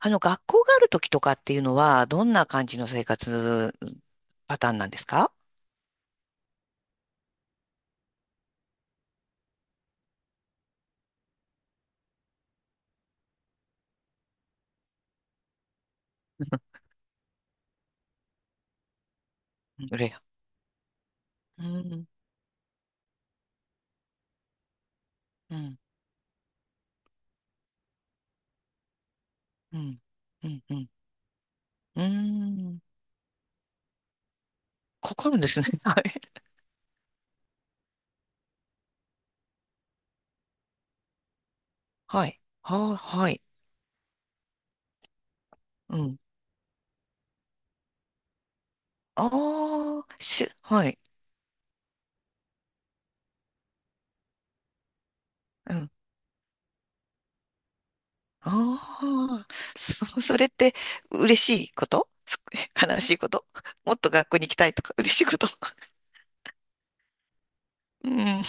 学校がある時とかっていうのは、どんな感じの生活パターンなんですか？うんうれや。うん、うん、うん、うん、うん。うーんかかるんですね。はい。はい。はあ、はい。うん。ああ、はい。うん。ああ、それって嬉しいこと、 悲しいこと、もっと学校に行きたいとか、嬉しいこと。 うん、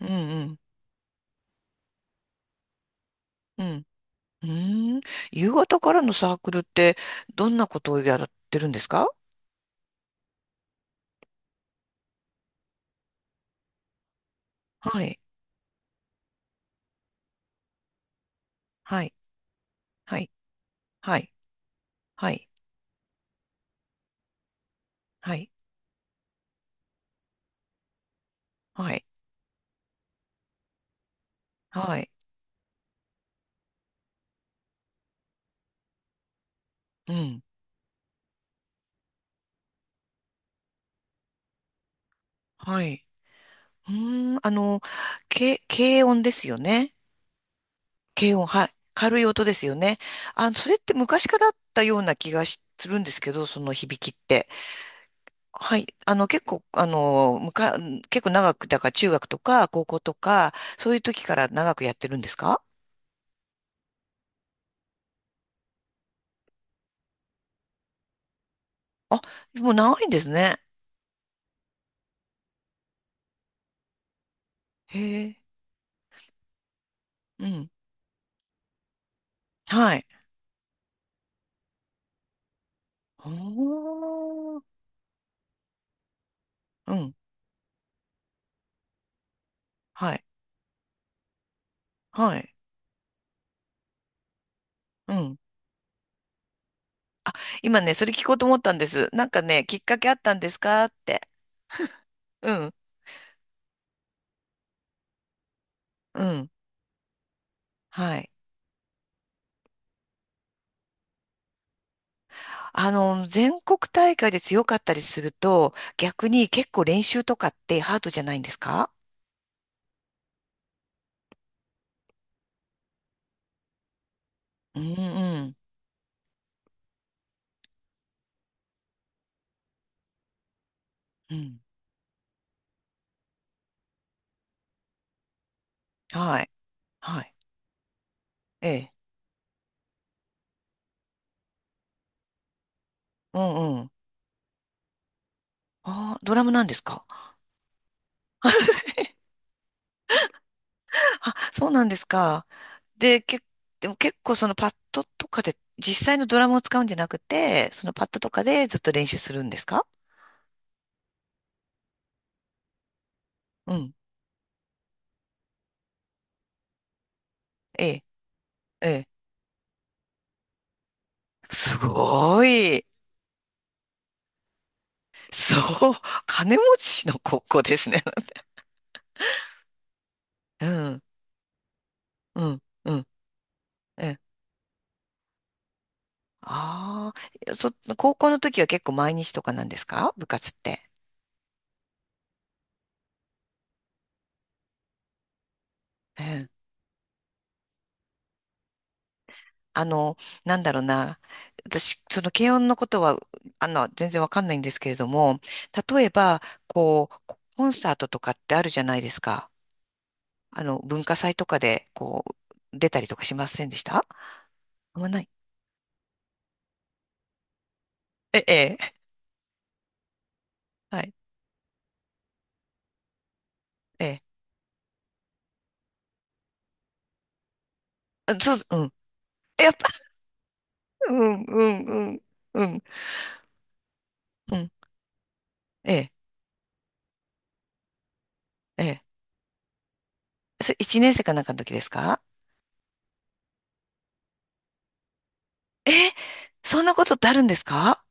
うん、うん、うん。うーん。夕方からのサークルって、どんなことをやってるんですか？はい。はい。はい。はい。はい。はい。はい。はい。うん。はい。うーん。軽音ですよね。軽音。はい。軽い音ですよね。あ、それって昔からあったような気がしするんですけど、その響きって。はい。結構、結構長く、だから中学とか高校とか、そういう時から長くやってるんですか？あ、もう長いんですね。へえ、うん、はい。おー、うん、はい、はい、うん。今ね、それ聞こうと思ったんです。なんかね、きっかけあったんですかって。うん、うん、はい。全国大会で強かったりすると、逆に結構練習とかってハードじゃないんですか？うん、うん、うん。はい、はい。ええ、うん、うん。ああ、ドラムなんですか？あ、そうなんですか。で、でも結構そのパッドとかで、実際のドラムを使うんじゃなくて、そのパッドとかでずっと練習するんですか？うん。ええ、ええ。すごい。そう。金持ちの高校ですね。うん、うん、うん。ええ。ああ、高校の時は結構毎日とかなんですか、部活って？あの、なんだろうな。私、その軽音のことは、全然わかんないんですけれども、例えば、こう、コンサートとかってあるじゃないですか。文化祭とかで、こう、出たりとかしませんでした？あんまない。え、ええ、はい。ええ。あそう、うん。やっぱ、うん、うん、うん、うん、うん。ええ、ええ。それ一年生かなんかの時ですか？え、そんなことってあるんですか？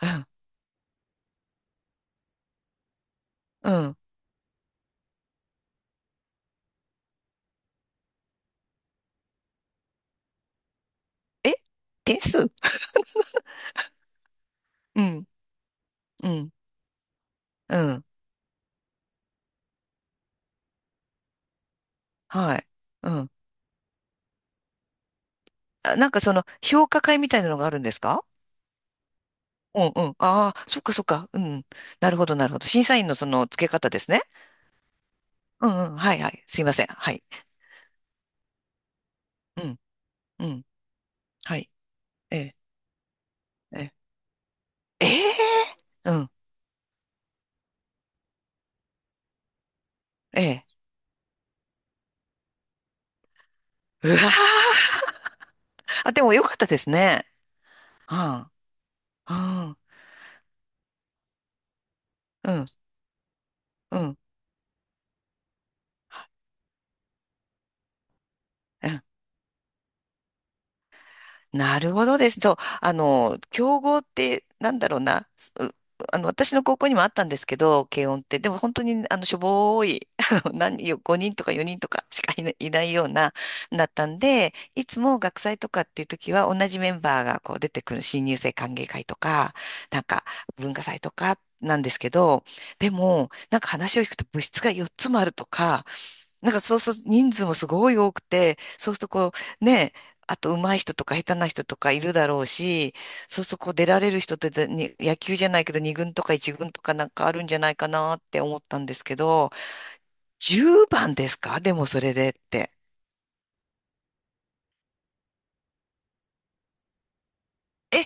うん、うん。え、点数。うん、うん、うん。はい。うん。あ、なんかその、評価会みたいなのがあるんですか？うんうん。ああ、そっかそっか。うん。なるほど、なるほど。審査員のその付け方ですね。うんうん。はいはい。すいません。はい。うん。うん。はい。ええ。ええ。ええ、うん。ええ。うわあ。あ、でもよかったですね。はあ。うん。うん。うん。なるほどです。そう、競合って、なんだろうな、私の高校にもあったんですけど、軽音って、でも本当に、しょぼーい、何よ、5人とか4人とかしかいないような、だったんで、いつも学祭とかっていう時は、同じメンバーがこう出てくる新入生歓迎会とか、なんか文化祭とかなんですけど、でも、なんか話を聞くと部室が4つもあるとか、なんかそうすると人数もすごい多くて、そうするとこう、ね、あと上手い人とか下手な人とかいるだろうし、そうするとこう出られる人ってでに野球じゃないけど2軍とか1軍とかなんかあるんじゃないかなって思ったんですけど、10番ですか、でもそれでって。え、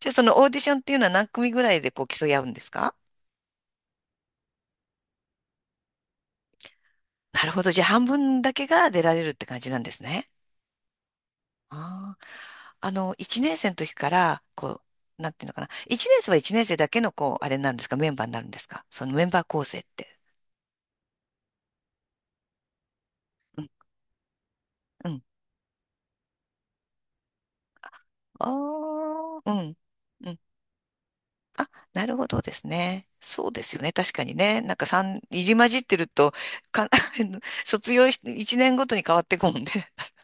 じゃあそのオーディションっていうのは何組ぐらいでこう競い合うんですか？なるほど。じゃあ半分だけが出られるって感じなんですね。ああ。1年生の時から、こう、なんていうのかな。1年生は1年生だけの、こう、あれになるんですか？メンバーになるんですか？そのメンバー構成って？うん。うん、ああ、うん。うん。あ、なるほどですね。そうですよね。確かにね。なんか三入り混じってると、か、卒業し、1年ごとに変わっていくもんね。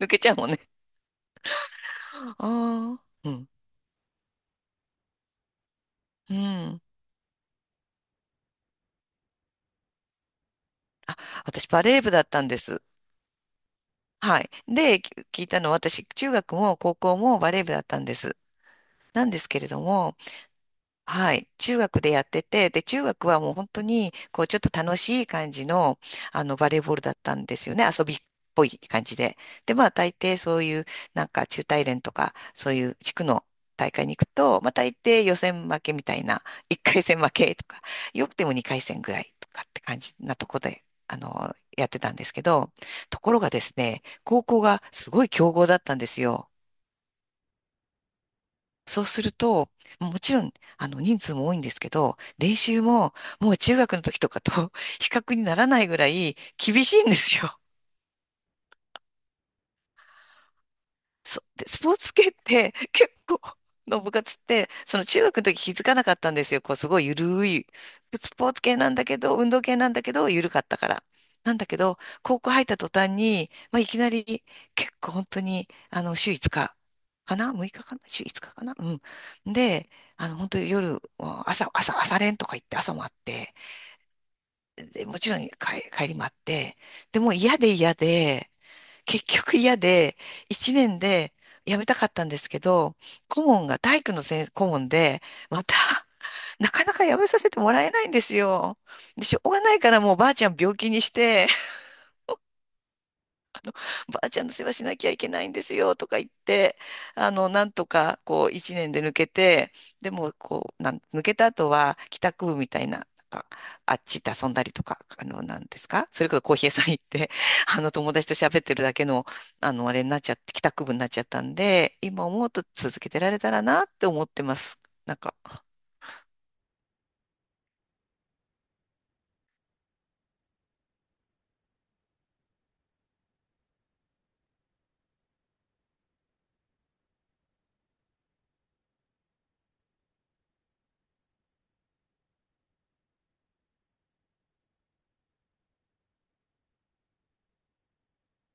抜けちゃうもんね。ああ。うん。うん。あ、私バレー部だったんです。はい。で、聞いたのは私、中学も高校もバレー部だったんです。なんですけれども、はい、中学でやってて、で、中学はもう本当に、こう、ちょっと楽しい感じの、バレーボールだったんですよね。遊びっぽい感じで。で、まあ、大抵そういう、なんか、中大連とか、そういう地区の大会に行くと、まあ、大抵予選負けみたいな、1回戦負けとか、よくても2回戦ぐらいとかって感じなとこで、やってたんですけど、ところがですね、高校がすごい強豪だったんですよ。そうすると、もちろん、人数も多いんですけど、練習も、もう中学の時とかと 比較にならないぐらい厳しいんですよ。で、スポーツ系って結構の部活って、その中学の時気づかなかったんですよ。こう、すごいゆるい。スポーツ系なんだけど、運動系なんだけど、ゆるかったから。なんだけど、高校入った途端に、まあ、いきなり結構本当に、週5日かかな ?6 日かな週5日かかな。うん。で、本当に夜、朝練とか行って朝もあって、で、もちろん帰りもあって、でもう嫌で嫌で、結局嫌で、一年で辞めたかったんですけど、顧問が体育の顧問で、また、なかなか辞めさせてもらえないんですよ。で、しょうがないからもうばあちゃん病気にして、ばあちゃんの世話しなきゃいけないんですよとか言って、なんとかこう一年で抜けて、でもこう、抜けた後は帰宅部みたいな、なんかあっち行って遊んだりとか、なんですか、それこそコーヒー屋さん行って、友達と喋ってるだけの、あれになっちゃって、帰宅部になっちゃったんで、今思うと続けてられたらなって思ってます。なんか、